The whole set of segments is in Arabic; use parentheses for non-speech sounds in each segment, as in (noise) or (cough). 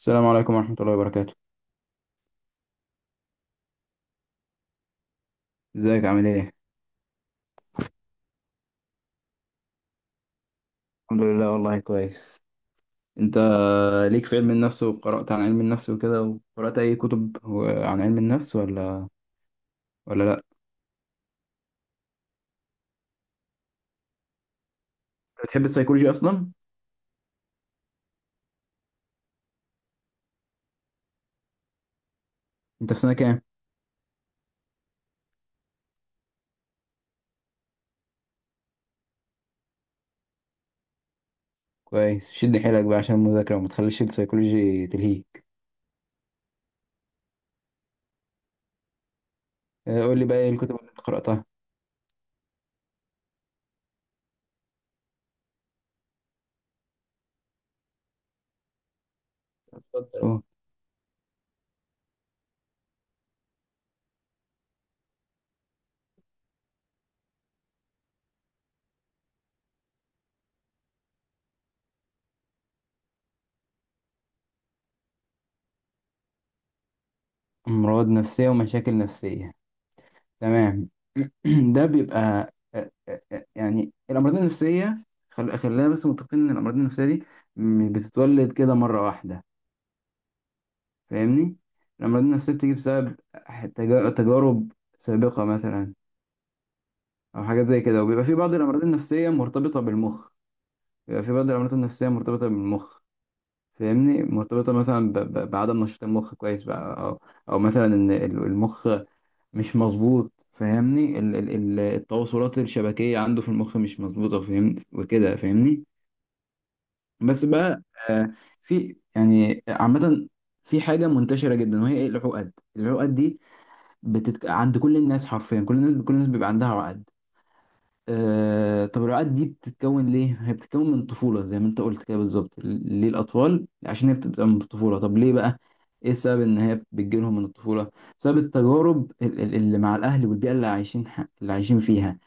السلام عليكم ورحمة الله وبركاته. ازيك عامل ايه؟ الحمد لله والله كويس. انت ليك في علم النفس وقرأت عن علم النفس وكده، وقرأت اي كتب عن علم النفس ولا لا؟ بتحب السيكولوجي اصلا؟ انت في سنة كام؟ كويس، شد حيلك بقى عشان المذاكرة وما تخليش السيكولوجي تلهيك. اه، قول لي بقى ايه الكتب اللي انت قرأتها؟ اتفضل. اه، امراض نفسية ومشاكل نفسية، تمام. (clears throat) ده بيبقى يعني الأمراض النفسية، خلينا بس متفقين إن الأمراض النفسية دي مش بتتولد كده مرة واحدة. فاهمني؟ الأمراض النفسية بتيجي بسبب تجارب سابقة مثلا، أو حاجات زي كده، وبيبقى في بعض الأمراض النفسية مرتبطة بالمخ. بيبقى في بعض الأمراض النفسية مرتبطة بالمخ فاهمني؟ مرتبطة مثلا بعدم نشاط المخ كويس بقى، أو أو مثلا إن المخ مش مظبوط. فاهمني؟ التواصلات الشبكية عنده في المخ مش مظبوطة، فهمت وكده، فاهمني. بس بقى آه في يعني عامة، في حاجة منتشرة جدا، وهي ايه؟ العقد. العقد دي عند كل الناس، حرفيا كل الناس، كل الناس بيبقى عندها عقد. طب العقد دي بتتكون ليه؟ هي بتتكون من الطفولة زي ما انت قلت كده بالظبط. ليه الأطفال؟ عشان هي بتبقى من الطفولة. طب ليه بقى؟ ايه السبب ان هي بتجيلهم من الطفولة؟ بسبب التجارب اللي مع الأهل والبيئة اللي عايشين اللي عايشين فيها.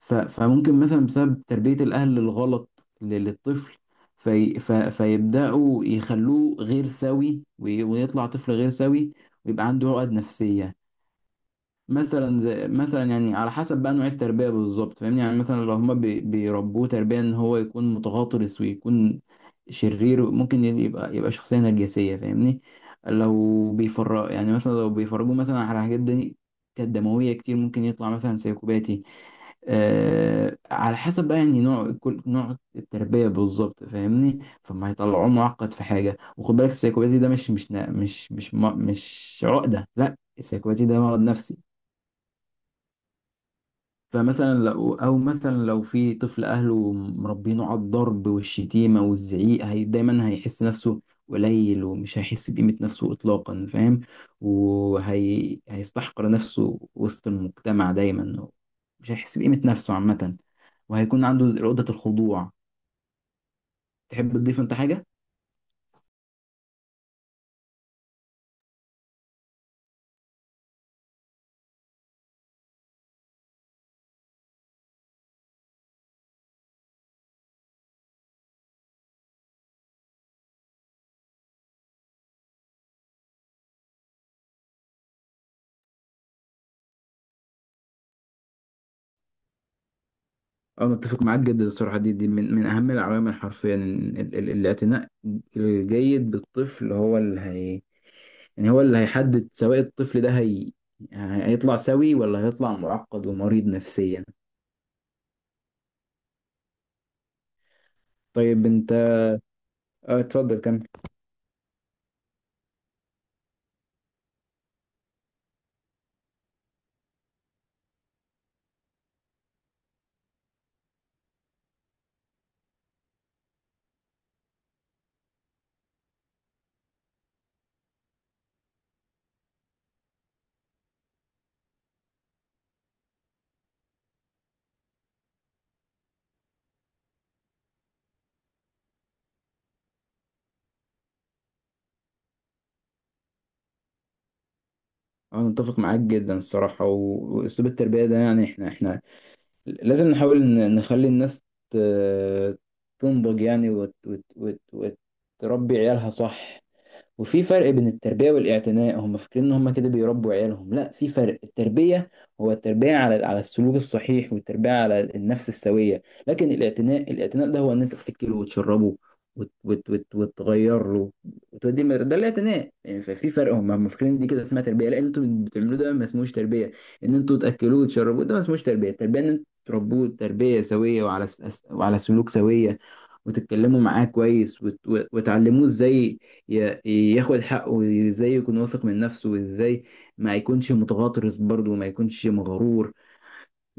فممكن مثلا بسبب تربية الأهل الغلط للطفل، فيبدأوا يخلوه غير سوي ويطلع طفل غير سوي، ويبقى عنده عقد نفسية. مثلا زي مثلا، يعني على حسب بقى نوع التربيه بالظبط، فاهمني؟ يعني مثلا لو هما بيربوه تربيه ان هو يكون متغطرس ويكون شرير، ممكن يبقى شخصيه نرجسيه، فاهمني. لو بيفرق يعني، مثلا لو بيفرجوه مثلا على حاجات دي كانت دمويه كتير، ممكن يطلع مثلا سيكوباتي. آه على حسب بقى يعني نوع، كل نوع التربيه بالظبط، فاهمني، فما هيطلعوه معقد في حاجه. وخد بالك، السيكوباتي ده مش مش نا- مش مش مش, مش عقده، لا السيكوباتي ده مرض نفسي. فمثلا لو او مثلا لو في طفل اهله مربينه على الضرب والشتيمه والزعيق، هي دايما هيحس نفسه قليل، ومش هيحس بقيمه نفسه اطلاقا، فاهم؟ وهي هيستحقر نفسه وسط المجتمع دايما، مش هيحس بقيمه نفسه عامه، وهيكون عنده عقده الخضوع. تحب تضيف انت حاجه؟ انا اتفق معاك جدا الصراحه. دي من اهم العوامل حرفيا، الاعتناء الجيد بالطفل هو اللي هي يعني هو اللي هيحدد سواء الطفل ده هيطلع سوي ولا هيطلع معقد ومريض نفسيا. طيب انت، اه اتفضل كمل. انا متفق معاك جدا الصراحة، واسلوب التربية ده يعني، احنا لازم نحاول نخلي الناس ت... تنضج يعني، وتربي عيالها صح. وفي فرق بين التربية والاعتناء، هم فاكرين ان هم كده بيربوا عيالهم، لا في فرق. التربية هو التربية على على السلوك الصحيح والتربية على النفس السوية. لكن الاعتناء، الاعتناء ده هو ان انت تأكله وتشربه وتغير له ده الاعتناء يعني. ففي فرق، هم فاكرين دي كده اسمها تربية، لا اللي انتوا بتعملوه ده ما اسموش تربية. ان انتوا تأكلوه وتشربوه ده ما اسموش تربية. التربية ان انتوا تربوه تربية سوية، وعلى وعلى سلوك سوية، وتتكلموا معاه كويس وتعلموه ازاي ي- ياخد حقه، وازاي يكون واثق من نفسه، وازاي ما يكونش متغطرس برضه، وما يكونش مغرور.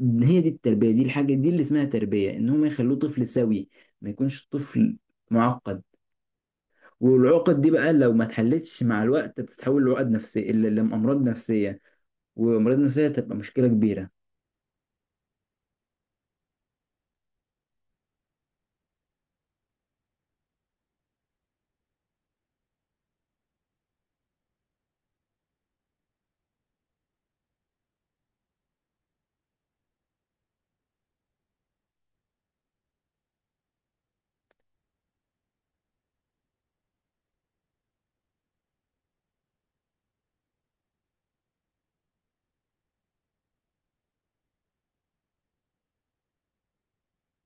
هي دي التربية، دي الحاجة دي اللي اسمها تربية، ان هم يخلوه طفل سوي، ما يكونش طفل معقد. والعقد دي بقى لو ما اتحلتش مع الوقت بتتحول لعقد نفسية، لأمراض نفسية، وأمراض نفسية تبقى مشكلة كبيرة.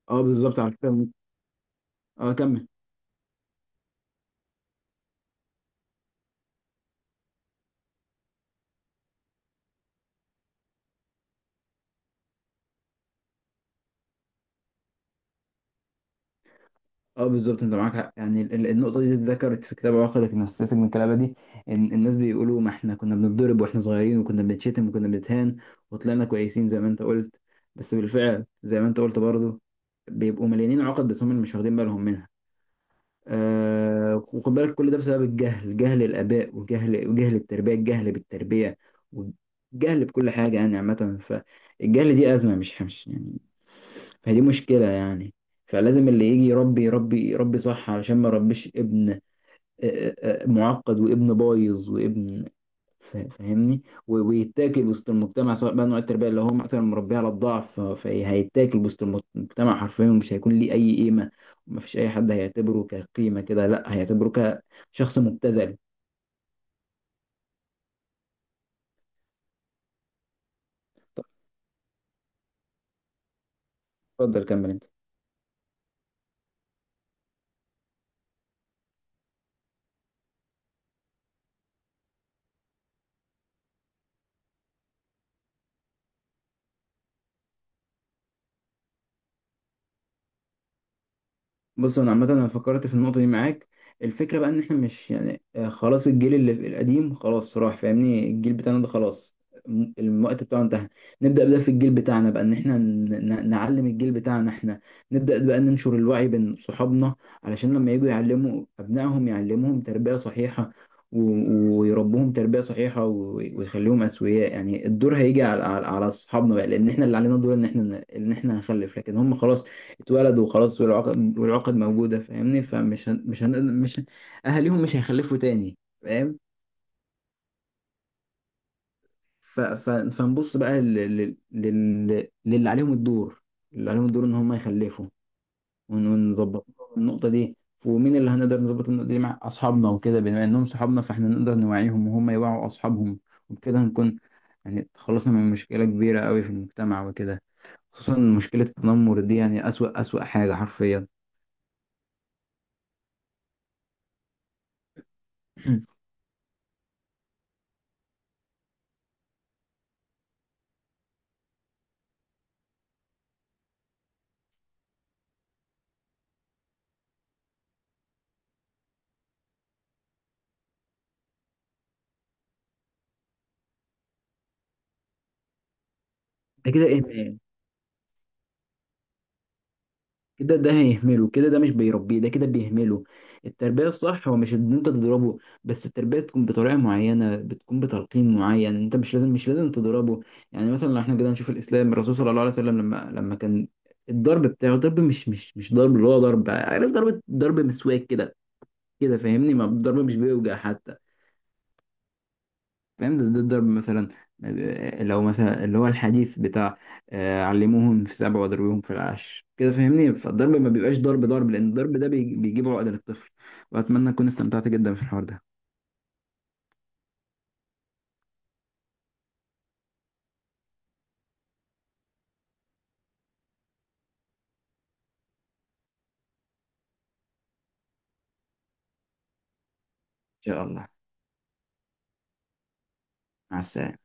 اه بالظبط، على فكرة. اه كمل. اه بالظبط، انت معاك حق، يعني النقطه دي اتذكرت في كتاب عقدك من السياسه من الكلابه دي، ان الناس بيقولوا ما احنا كنا بنتضرب واحنا صغيرين، وكنا بنتشتم، وكنا بنتهان، وطلعنا كويسين زي ما انت قلت. بس بالفعل زي ما انت قلت برضه، بيبقوا مليانين عقد، بس هم اللي مش واخدين بالهم منها. آه وخد بالك، كل ده بسبب الجهل، جهل الآباء وجهل التربية، الجهل بالتربية والجهل بكل حاجة يعني عامة. فالجهل دي أزمة، مش يعني، فدي مشكلة يعني. فلازم اللي يجي يربي يربي يربي صح، علشان ما يربيش ابن آه، معقد، وابن بايظ، وابن فاهمني، ويتاكل وسط المجتمع، سواء بقى نوع التربية اللي هو مثلا مربيه على الضعف، فهيتاكل وسط المجتمع حرفيا، ومش هيكون ليه أي قيمة، ومفيش أي حد هيعتبره كقيمة كده، لا هيعتبره كشخص مبتذل. اتفضل كمل انت. بص انا عامه، انا فكرت في النقطه دي معاك. الفكره بقى ان احنا مش يعني خلاص الجيل اللي القديم خلاص راح، فاهمني. الجيل بتاعنا ده خلاص، الوقت بتاعه انتهى. نبدا بقى في الجيل بتاعنا بقى، ان احنا نعلم الجيل بتاعنا. احنا نبدا بقى ننشر الوعي بين صحابنا، علشان لما يجوا يعلموا ابنائهم يعلموهم تربيه صحيحه، ويربوهم تربيه صحيحه، ويخليهم اسوياء. يعني الدور هيجي على على اصحابنا بقى، لان احنا اللي علينا الدور ان احنا ان احنا نخلف، لكن هم خلاص اتولد وخلاص، والعقد موجودة، فاهمني. فمش هن... مش هن... مش هن... أهاليهم مش هيخلفوا تاني، فاهم. فنبص بقى للي عليهم الدور، اللي عليهم الدور إن هم يخلفوا. ونظبط النقطة دي. ومين اللي هنقدر نظبط النقطة دي مع أصحابنا وكده، بما إنهم صحابنا فإحنا نقدر نوعيهم، وهم يوعوا أصحابهم، وبكده هنكون يعني تخلصنا من مشكلة كبيرة قوي في المجتمع وكده، خصوصا مشكلة التنمر دي، يعني أسوأ حاجة حرفيا. (clears throat) ده كده إيه؟ كده ده هيهمله، كده ده مش بيربيه، ده كده بيهمله. التربية الصح هو مش ان انت تضربه بس، التربية تكون بطريقة معينة، بتكون بتلقين معين، انت مش لازم تضربه. يعني مثلا لو احنا كده نشوف الاسلام، الرسول صلى الله عليه وسلم لما كان الضرب بتاعه ضرب مش ضرب اللي هو ضرب، عارف، ضرب مسواك كده كده، فاهمني، ما الضرب مش بيوجع حتى، فاهم. ده الضرب مثلا. لو مثلا اللي هو الحديث بتاع علموهم في 7 وضربوهم في 10 كده، فاهمني، فالضرب ما بيبقاش ضرب ضرب، لان الضرب ده بيجيب عقدة للطفل. واتمنى اكون استمتعت جدا في الحوار ده. ان شاء الله. مع السلامة.